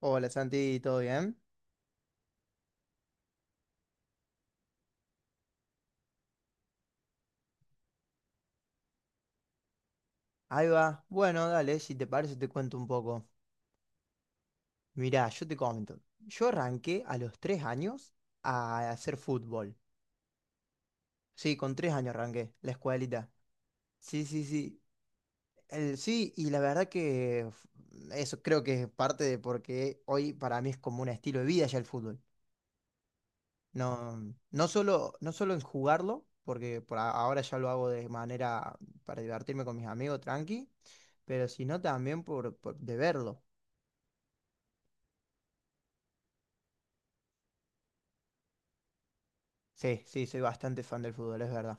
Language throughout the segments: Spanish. Hola Santi, ¿todo bien? Ahí va. Bueno, dale, si te parece te cuento un poco. Mirá, yo te comento. Yo arranqué a los 3 años a hacer fútbol. Sí, con 3 años arranqué la escuelita. Sí, sí, sí. Sí, y la verdad que eso creo que es parte de porque hoy para mí es como un estilo de vida ya el fútbol. No, no solo en jugarlo, porque ahora ya lo hago de manera para divertirme con mis amigos, tranqui, pero sino también por de verlo. Sí, sí, soy bastante fan del fútbol, es verdad.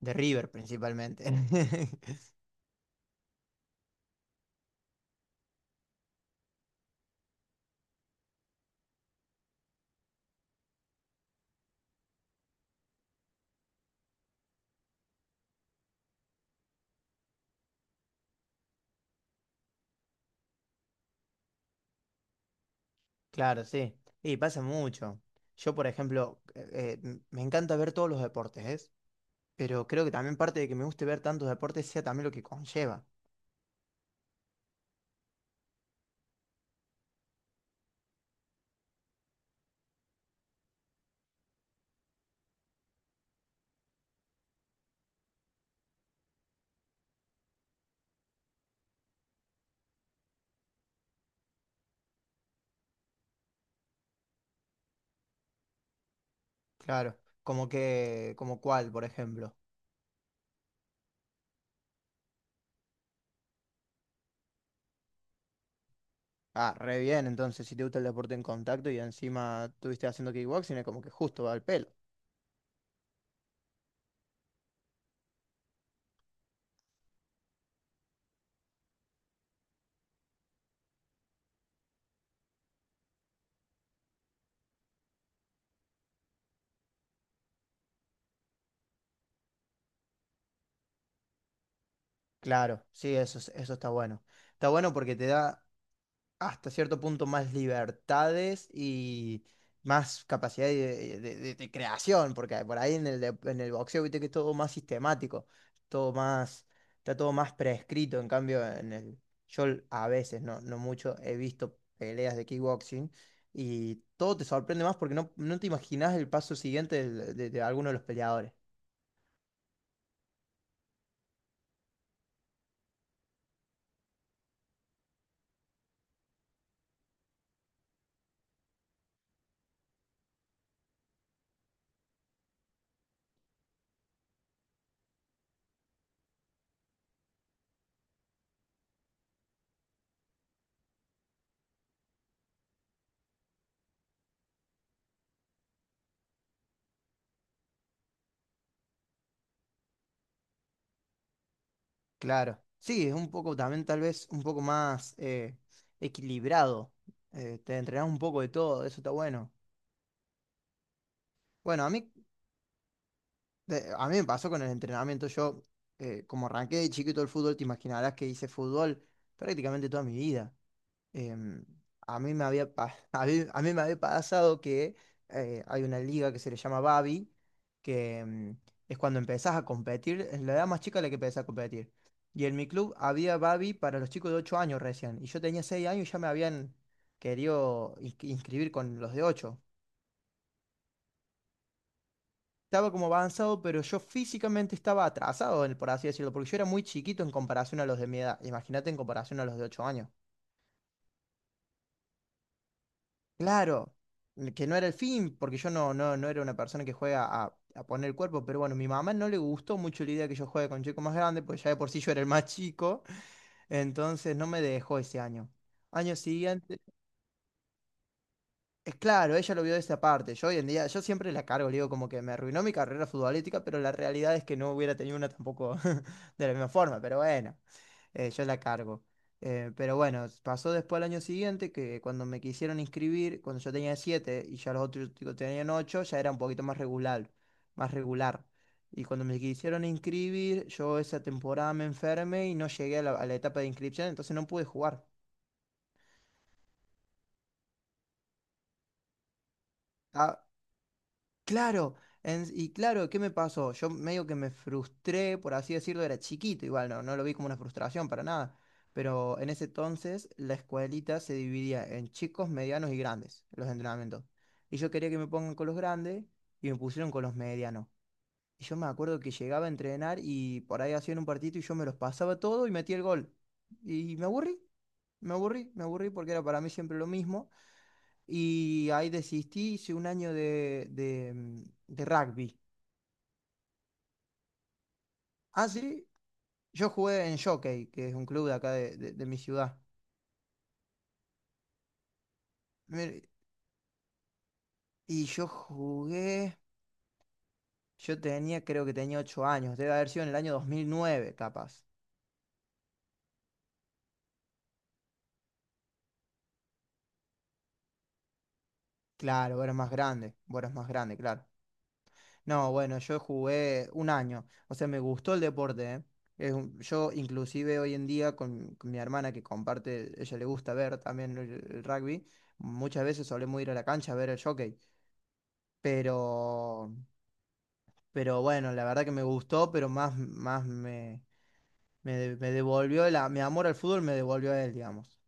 De River principalmente. Claro, sí. Y pasa mucho. Yo, por ejemplo, me encanta ver todos los deportes, ¿es? Pero creo que también parte de que me guste ver tantos deportes sea también lo que conlleva. Claro. Como cuál, por ejemplo. Ah, re bien, entonces, si te gusta el deporte en contacto y encima estuviste haciendo kickboxing, es como que justo va al pelo. Claro, sí, eso, eso está bueno. Está bueno porque te da hasta cierto punto más libertades y más capacidad de creación, porque por ahí en el boxeo viste que es todo más sistemático, todo más, está todo más prescrito, en cambio yo a veces, no, no mucho, he visto peleas de kickboxing y todo te sorprende más porque no te imaginas el paso siguiente de alguno de los peleadores. Claro. Sí, es un poco también tal vez un poco más equilibrado. Te entrenás un poco de todo, eso está bueno. Bueno, a mí me pasó con el entrenamiento. Yo, como arranqué de chiquito el fútbol, te imaginarás que hice fútbol prácticamente toda mi vida. Em, a mí me había, pa- A mí me había pasado que hay una liga que se le llama Babi, que es cuando empezás a competir, es la edad más chica a la que empezás a competir. Y en mi club había Babi para los chicos de 8 años recién. Y yo tenía 6 años y ya me habían querido inscribir con los de 8. Estaba como avanzado, pero yo físicamente estaba atrasado, por así decirlo, porque yo era muy chiquito en comparación a los de mi edad. Imagínate en comparación a los de 8 años. Claro, que no era el fin, porque yo no era una persona que juega a poner el cuerpo, pero bueno, mi mamá no le gustó mucho la idea que yo juegue con chicos más grandes, porque ya de por sí yo era el más chico, entonces no me dejó ese año. Año siguiente. Es claro, ella lo vio de esa parte. Yo hoy en día, yo siempre la cargo, le digo como que me arruinó mi carrera futbolística, pero la realidad es que no hubiera tenido una tampoco de la misma forma, pero bueno, yo la cargo. Pero bueno, pasó después el año siguiente que cuando me quisieron inscribir, cuando yo tenía 7 y ya los otros chicos tenían 8, ya era un poquito más regular, más regular. Y cuando me quisieron inscribir, yo esa temporada me enfermé y no llegué a la etapa de inscripción, entonces no pude jugar. Ah, Claro, claro, ¿qué me pasó? Yo medio que me frustré, por así decirlo, era chiquito, igual no lo vi como una frustración para nada, pero en ese entonces la escuelita se dividía en chicos, medianos y grandes, los entrenamientos. Y yo quería que me pongan con los grandes y me pusieron con los medianos. Y yo me acuerdo que llegaba a entrenar y por ahí hacían un partido y yo me los pasaba todo y metía el gol. Y me aburrí, me aburrí, me aburrí porque era para mí siempre lo mismo y ahí desistí, hice un año de rugby. Ah, sí, yo jugué en Jockey, que es un club de acá de mi ciudad. Mir- Y yo jugué, yo tenía, creo que tenía 8 años, debe haber sido en el año 2009 capaz. Claro, vos eras más grande, vos eras más grande, claro. No, bueno, yo jugué un año, o sea, me gustó el deporte, ¿eh? Yo inclusive hoy en día con mi hermana que comparte, ella le gusta ver también el rugby, muchas veces solemos ir a la cancha a ver el jockey, pero, pero bueno, la verdad que me gustó, pero más me devolvió, mi amor al fútbol me devolvió a él, digamos.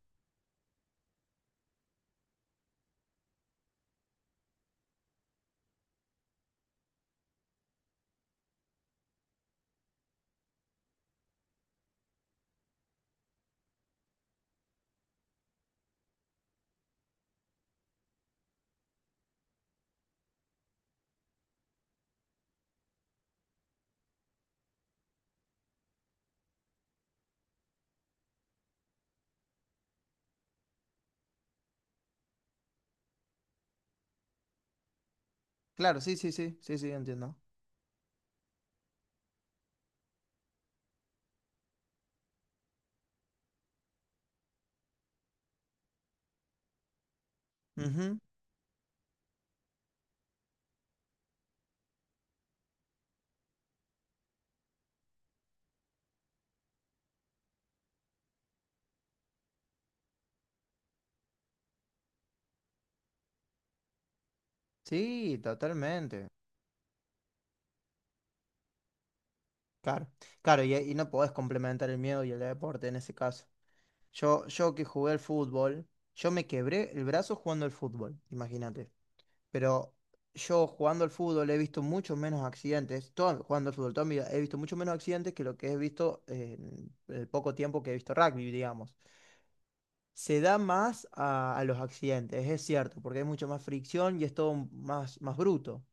Claro, sí, sí, sí, sí, sí, entiendo. Ujú. Sí, totalmente. Claro, claro, y no podés complementar el miedo y el deporte en ese caso. Yo que jugué al fútbol, yo me quebré el brazo jugando al fútbol, imagínate. Pero yo jugando al fútbol he visto muchos menos accidentes, jugando al fútbol toda mi vida, he visto muchos menos accidentes que lo que he visto en el poco tiempo que he visto rugby, digamos. Se da más a los accidentes, es cierto, porque hay mucha más fricción y es todo más, más bruto.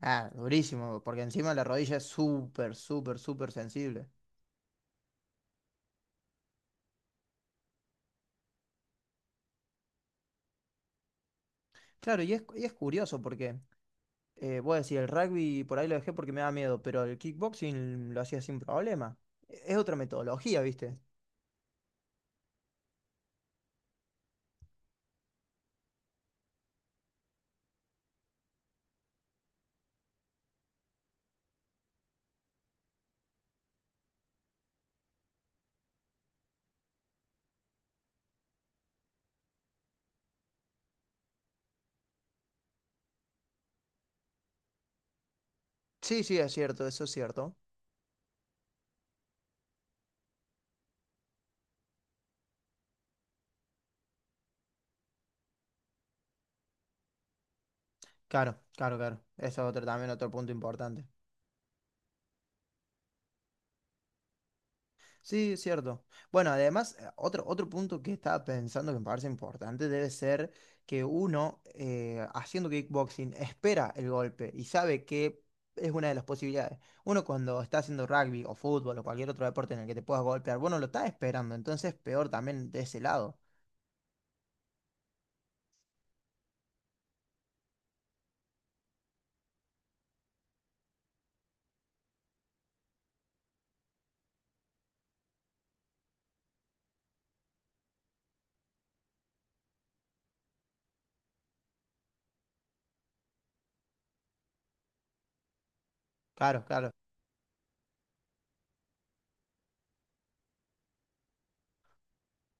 Ah, durísimo, porque encima la rodilla es súper, súper, súper sensible. Claro, y es curioso porque voy a decir, el rugby por ahí lo dejé porque me da miedo, pero el kickboxing lo hacía sin problema. Es otra metodología, ¿viste? Sí, sí, es cierto, eso es cierto. Claro, claro, claro. Eso es otro, también otro punto importante. Sí, es cierto. Bueno, además, otro punto que estaba pensando que me parece importante debe ser que uno, haciendo kickboxing, espera el golpe y sabe que es una de las posibilidades. Uno cuando está haciendo rugby o fútbol o cualquier otro deporte en el que te puedas golpear, bueno, lo está esperando, entonces peor también de ese lado. Claro, claro.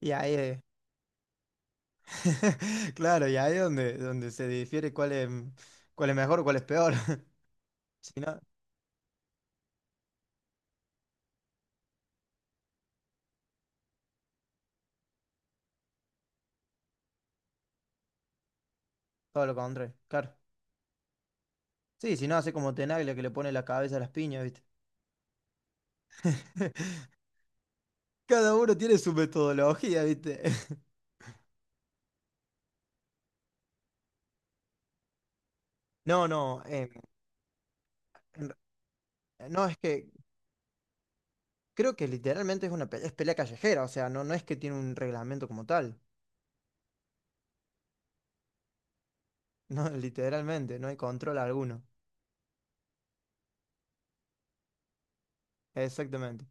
Y ahí, claro, y ahí es donde, se difiere cuál es mejor o cuál es peor. Si no, todo lo contrario, claro. Sí, si no, hace como Tenaglia que le pone la cabeza a las piñas, ¿viste? Cada uno tiene su metodología, ¿viste? No, no, en es que creo que literalmente es una pelea, es pelea callejera, o sea, no, no es que tiene un reglamento como tal. No, literalmente, no hay control alguno. Exactamente.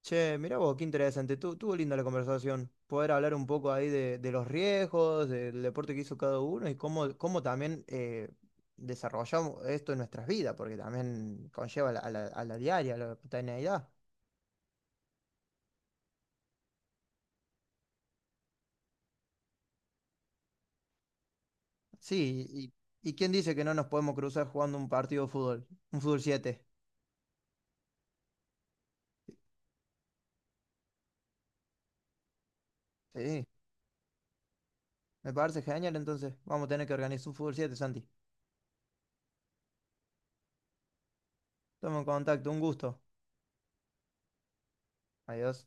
Che, mirá vos, qué interesante. Tuvo linda la conversación. Poder hablar un poco ahí de los riesgos, del deporte que hizo cada uno y cómo también desarrollamos esto en nuestras vidas, porque también conlleva a la diaria, a la cotidianidad. Sí, y quién dice que no nos podemos cruzar jugando un partido de fútbol, un fútbol 7. Sí, me parece genial, entonces vamos a tener que organizar un fútbol 7, Santi. Toma en contacto, un gusto. Adiós.